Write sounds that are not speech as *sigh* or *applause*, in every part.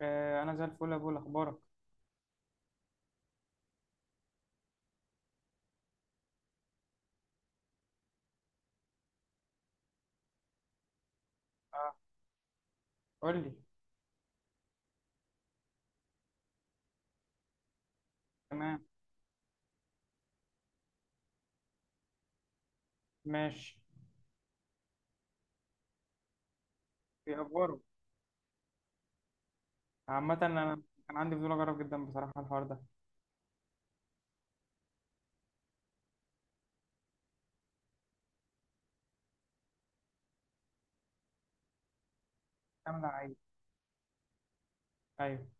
آه انا زي الفل يا ابو، اخبارك؟ آه قول لي. تمام. ماشي. في اخبارك؟ عامه انا كان عندي فضول اجرب جدا بصراحه الحوار ده كامله عيب. ايوه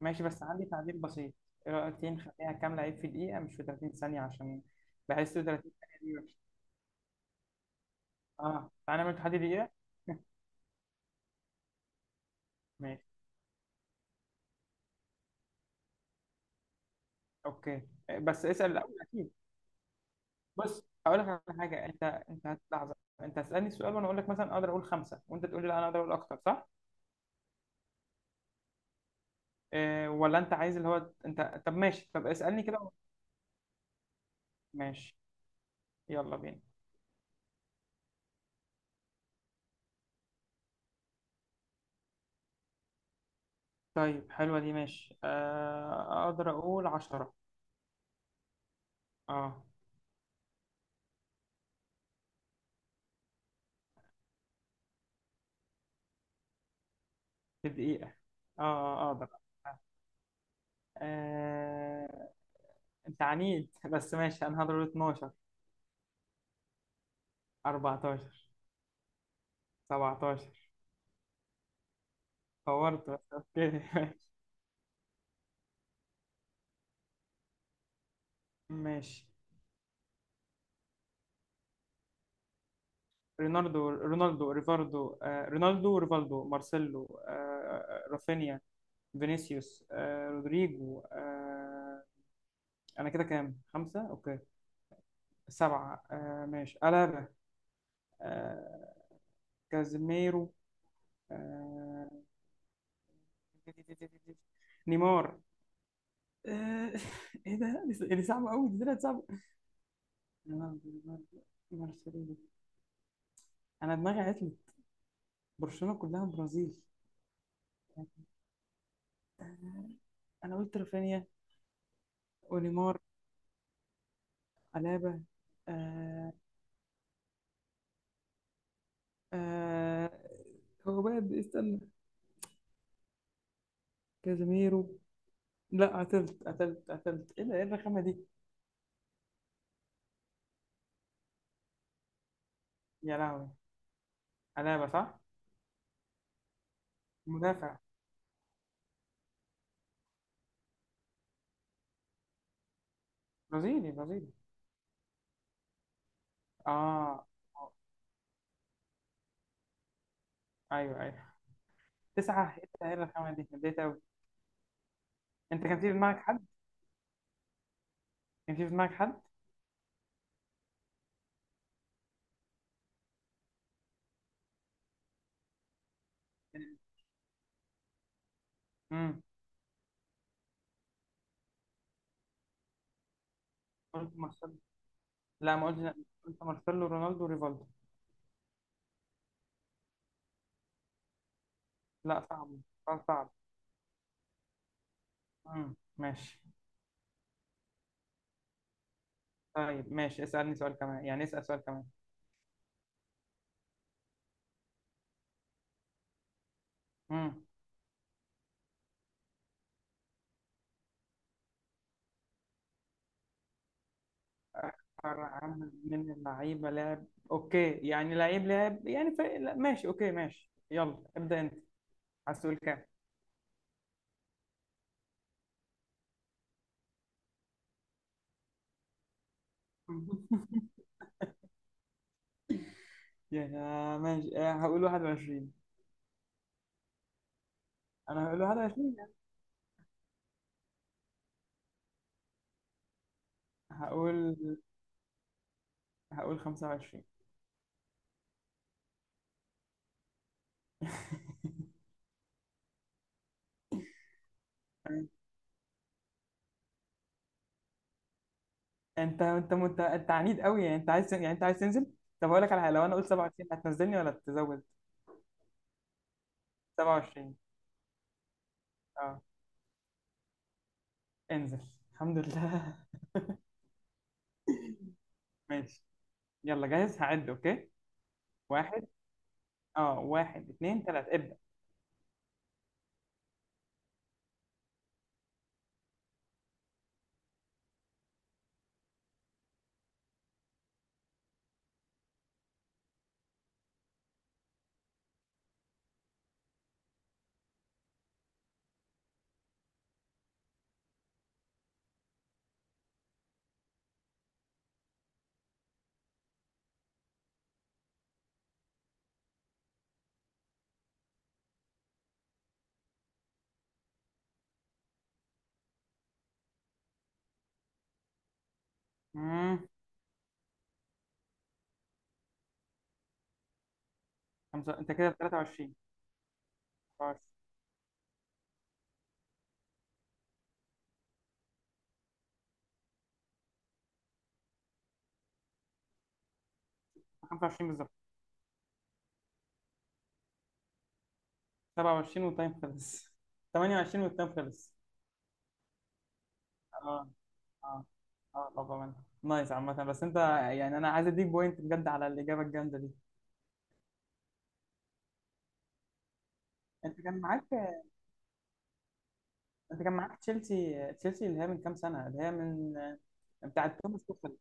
ماشي، بس عندي تعديل بسيط. ايه رايك تيجي نخليها كامله عيب في دقيقه مش في 30 ثانيه؟ عشان بحس 30 ثانيه دي وحشه. اه تعالى نعمل تحدي دقيقه. *laughs* ماشي. اوكي. بس اسال الاول اكيد. بص هقول لك على حاجه. انت لحظه. انت هتسالني السؤال وانا اقول لك مثلا اقدر اقول خمسه، وانت تقول لي لا انا اقدر اقول اكتر، صح؟ ولا انت عايز اللي هو انت؟ طب ماشي، طب اسألني كده. ماشي. يلا بينا. طيب حلوة دي، ماشي. اقدر اقول عشرة. اه. في دقيقة. اه. اقدر. آه، انت عنيد. *laughs* بس ماشي، انا هضرب 12. 14. 17. طورت، بس اوكي. *laughs* ماشي. رونالدو. رونالدو ريفاردو. رونالدو ريفالدو مارسيلو. آه، رافينيا. فينيسيوس. رودريجو. انا كده كام؟ خمسة. اوكي. سبعة. ماشي. ألابا. آه. كازيميرو. آه. نيمار. آه. *laughs* ايه ده؟ دي صعبة قوي، دي طلعت صعبة. رونالدو، رونالدو، مارسيلو. انا دماغي عطلت. برشلونة كلها برازيل. انا قلت رافينيا ونيمار. ألابا. آه. آه هو بقى استنى. كازيميرو. لا، قتلت قتلت قتلت. ايه ده؟ ايه الرخامة دي؟ يا لهوي. ألابا صح. مدافع. برازيلي برازيلي. اه. آه، ايوه ايوه. تسعة؟ ايه التأهيل الرخامة دي؟ اتضايقت قوي. انت كان في دماغك حد؟ كان في دماغك حد؟ امم قلت مارسيلو. لا ما قلتش. قلت مارسيلو رونالدو ريفالدو. لا صعب. سؤال صعب. ماشي. طيب ماشي، اسألني سؤال كمان، يعني اسأل سؤال كمان. امم أكثر عدد من اللعيبة لعب. اوكي، يعني لعيب لعب يعني فريق؟ لا، ماشي اوكي ماشي. يلا ابدأ انت. عايز تقول كام؟ *laughs* يعني ماشي. هقول 21. انا هقول 21. هقول هقول 25. انت *laughs* انت انت عنيد قوي يعني، انت عايز يعني انت عايز تنزل. طب اقول لك على حاجه، لو انا قلت 27 هتنزلني ولا تزود؟ 27. اه. انزل. الحمد لله. *laughs* ماشي. يلا جاهز هعد اوكي. واحد. اه واحد اتنين تلاته ابدا. امم خمسه. انت كده 23. 24. 25 بالظبط. 27 والتايم خلص. *laughs* 28 والتايم خلص. اه. اه. اه طبعا. نايس عامة، بس انت يعني انا عايز اديك بوينت بجد على الاجابة الجامدة دي. انت كان معاك انت كان معاك تشيلسي. تشيلسي اللي هي من كام سنه، اللي هي من بتاعه توماس توخل.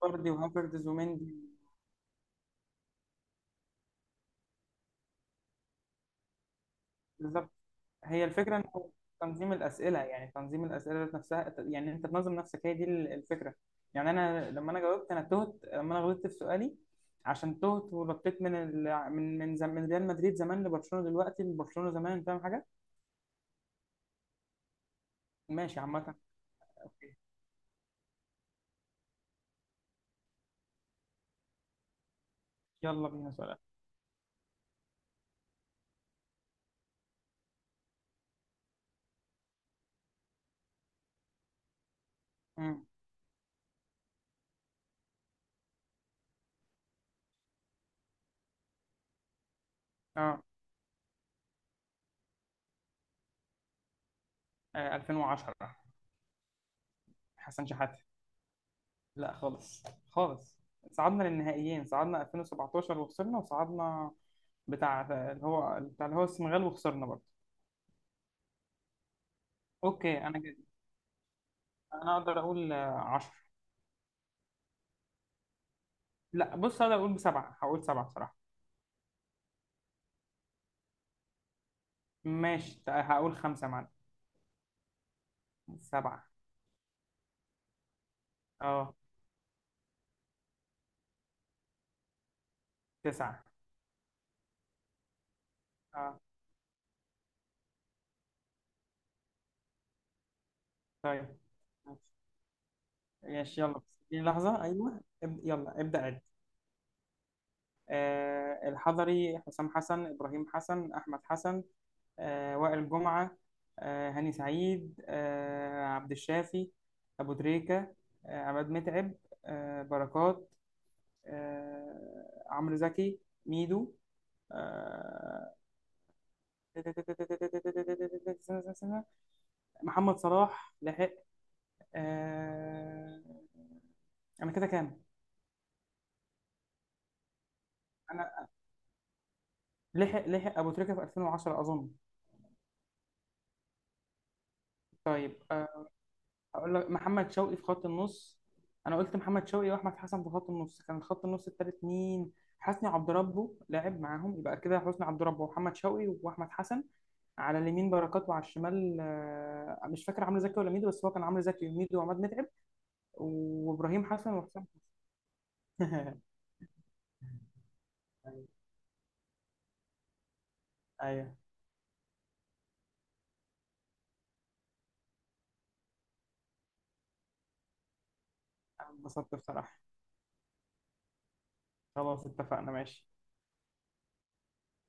فاردي وهافرتز ومندي. بالظبط. هي الفكره انه تنظيم الاسئله، يعني تنظيم الاسئله ذات نفسها، يعني انت تنظم نفسك، هي دي الفكره. يعني انا لما انا جاوبت انا تهت، لما انا غلطت في سؤالي عشان تهت ونطيت من ال... من من, زم... من ريال مدريد زمان لبرشلونه دلوقتي لبرشلونه زمان، فاهم حاجه؟ ماشي عامه. اوكي. يلا بينا سؤال. مم. اه. 2010. حسن شحاته. لا خالص. خالص. صعدنا للنهائيين، صعدنا 2017 وخسرنا، وصعدنا بتاع اللي هو بتاع اللي هو السنغال وخسرنا برضه. اوكي انا جد. انا اقدر اقول 10. لا بص اقدر اقول بسبعة، هقول سبعة بصراحة. ماشي. هقول خمسة معنا. سبعة. اه. تسعة. اه. طيب ماشي ماشي، يلا بس اديني لحظة. ايوه يلا ابدأ عد. آه الحضري حسام حسن ابراهيم حسن احمد حسن. وائل جمعة. هاني سعيد. عبد الشافي. أبو تريكة. عماد متعب. بركات. عمرو زكي. ميدو. آه. محمد صلاح لحق. آه. أنا كده كام؟ أنا لحق لحق أبو تريكة في 2010 أظن. طيب، هقول لك محمد شوقي في خط النص. انا قلت محمد شوقي واحمد حسن في خط النص، كان خط النص التالت مين؟ حسني عبد ربه لعب معاهم، يبقى كده حسني عبد ربه ومحمد شوقي واحمد حسن. على اليمين بركات وعلى الشمال، مش فاكر عمرو زكي ولا ميدو، بس هو كان عمرو زكي وميدو وعماد متعب وابراهيم حسن وحسام حسن. *laughs* ايوه. أيوة. أنا انبسطت بصراحه. خلاص اتفقنا ماشي.